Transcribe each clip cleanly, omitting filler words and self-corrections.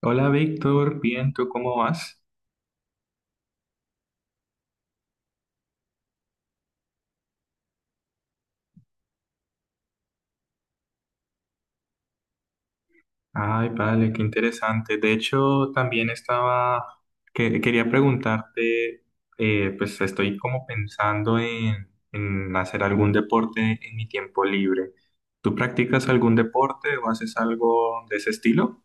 Hola Víctor, bien, ¿tú cómo vas? Ay, vale, qué interesante. De hecho, también estaba, quería preguntarte, pues estoy como pensando en hacer algún deporte en mi tiempo libre. ¿Tú practicas algún deporte o haces algo de ese estilo?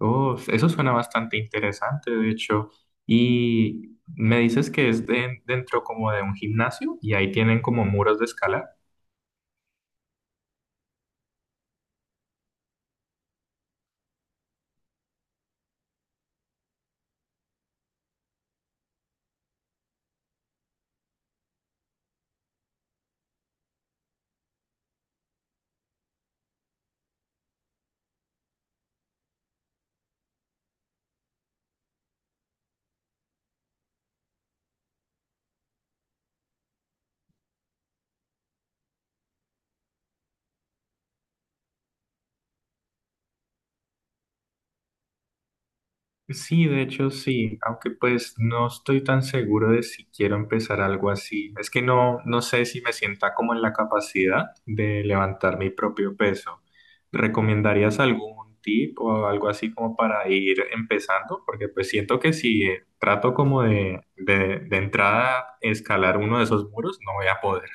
Oh, eso suena bastante interesante, de hecho. Y me dices que es dentro como de un gimnasio y ahí tienen como muros de escalar. Sí, de hecho sí, aunque pues no estoy tan seguro de si quiero empezar algo así. Es que no sé si me sienta como en la capacidad de levantar mi propio peso. ¿Recomendarías algún tip o algo así como para ir empezando? Porque pues siento que si trato como de entrada escalar uno de esos muros, no voy a poder.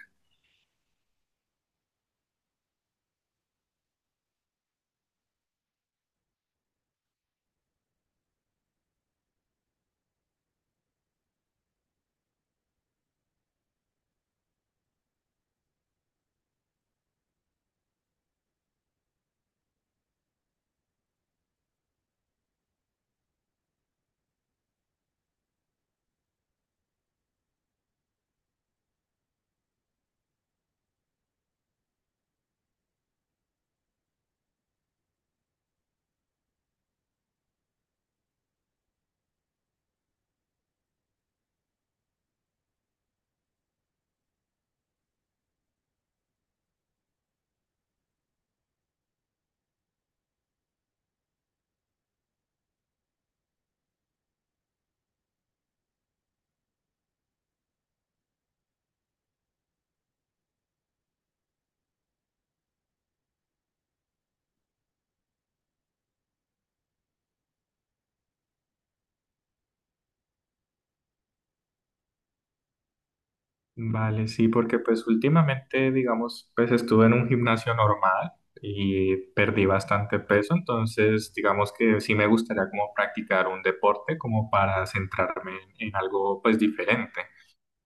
Vale, sí, porque pues últimamente, digamos, pues estuve en un gimnasio normal y perdí bastante peso, entonces digamos que sí me gustaría como practicar un deporte como para centrarme en algo pues diferente.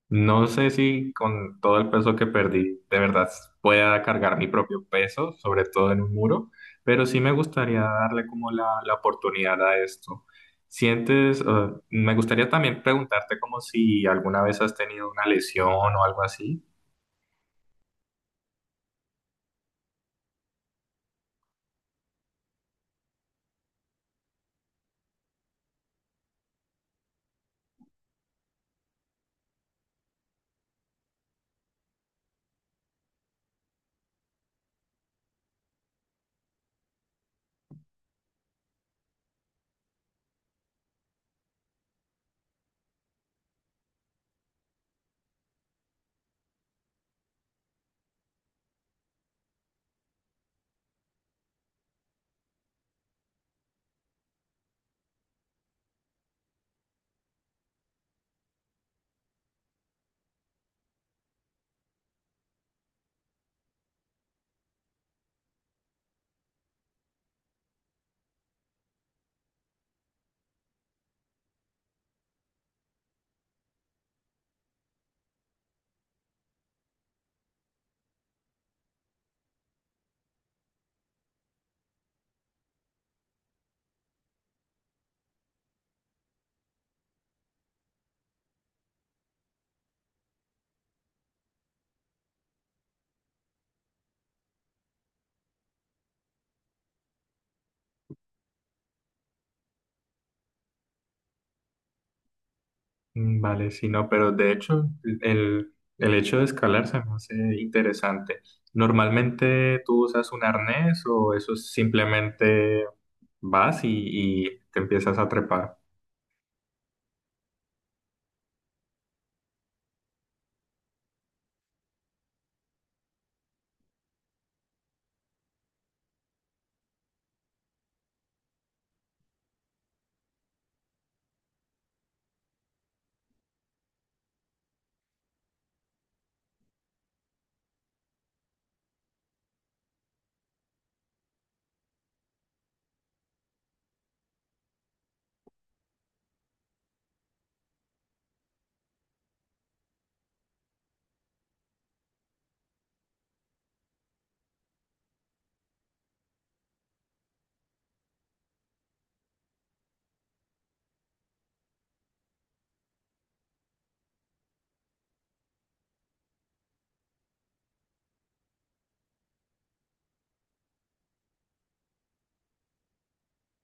No sé si con todo el peso que perdí de verdad pueda cargar mi propio peso, sobre todo en un muro, pero sí me gustaría darle como la oportunidad a esto. Sientes, me gustaría también preguntarte como si alguna vez has tenido una lesión o algo así. Mm, vale, sí, no, pero de hecho el, el hecho de escalar se me hace interesante. ¿Normalmente tú usas un arnés o eso es simplemente vas y te empiezas a trepar?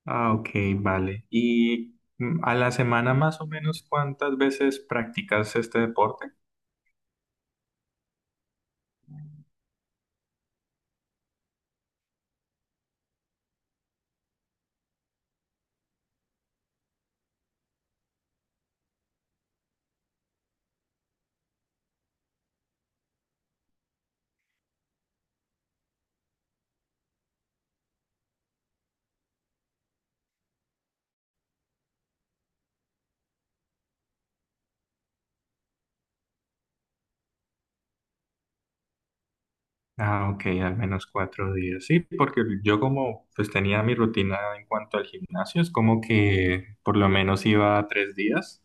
Ah, ok, vale. ¿Y a la semana más o menos cuántas veces practicas este deporte? Ah, ok, al menos 4 días. Sí, porque yo como pues tenía mi rutina en cuanto al gimnasio, es como que por lo menos iba 3 días.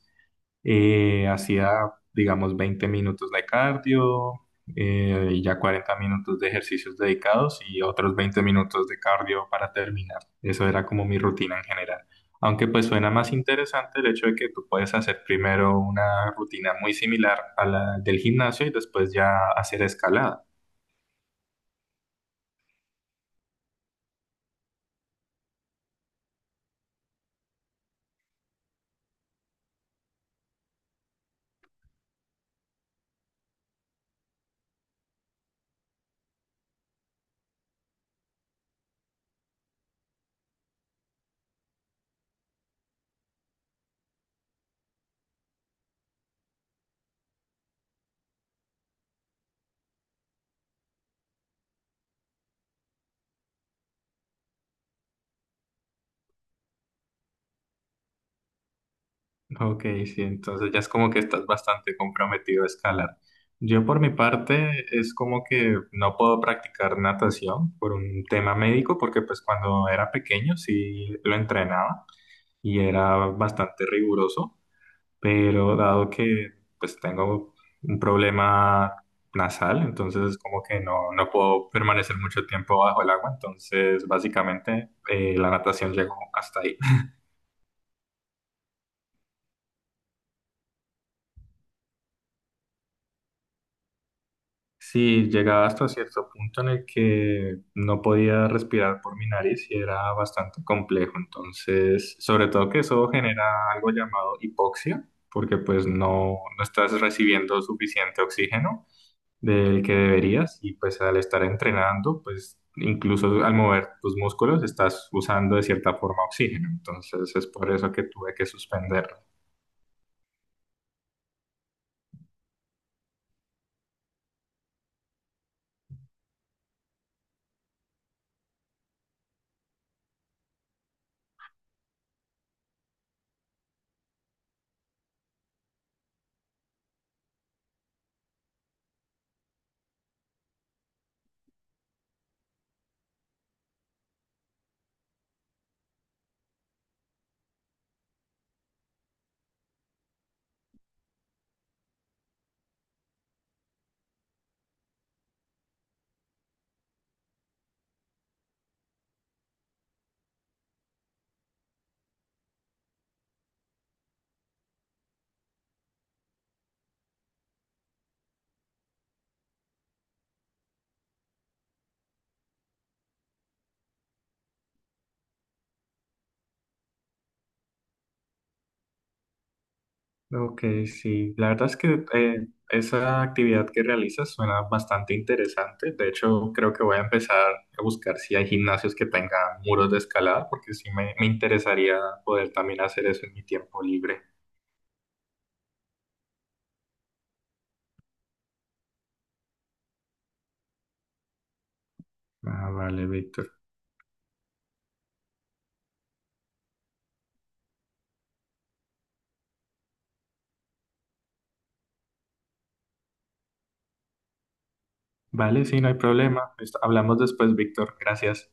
Eh, hacía, digamos, 20 minutos de cardio y ya 40 minutos de ejercicios dedicados y otros 20 minutos de cardio para terminar. Eso era como mi rutina en general. Aunque pues suena más interesante el hecho de que tú puedes hacer primero una rutina muy similar a la del gimnasio y después ya hacer escalada. Ok, sí, entonces ya es como que estás bastante comprometido a escalar. Yo por mi parte es como que no puedo practicar natación por un tema médico porque pues cuando era pequeño sí lo entrenaba y era bastante riguroso, pero dado que pues tengo un problema nasal, entonces es como que no puedo permanecer mucho tiempo bajo el agua, entonces básicamente la natación llegó hasta ahí. Sí, llegaba hasta cierto punto en el que no podía respirar por mi nariz y era bastante complejo. Entonces, sobre todo que eso genera algo llamado hipoxia, porque pues no estás recibiendo suficiente oxígeno del que deberías y pues al estar entrenando, pues incluso al mover tus músculos estás usando de cierta forma oxígeno. Entonces, es por eso que tuve que suspender. Ok, sí, la verdad es que esa actividad que realizas suena bastante interesante. De hecho, creo que voy a empezar a buscar si hay gimnasios que tengan muros de escalada, porque sí me interesaría poder también hacer eso en mi tiempo libre. Ah, vale, Víctor. Vale, sí, no hay problema. Hablamos después, Víctor. Gracias.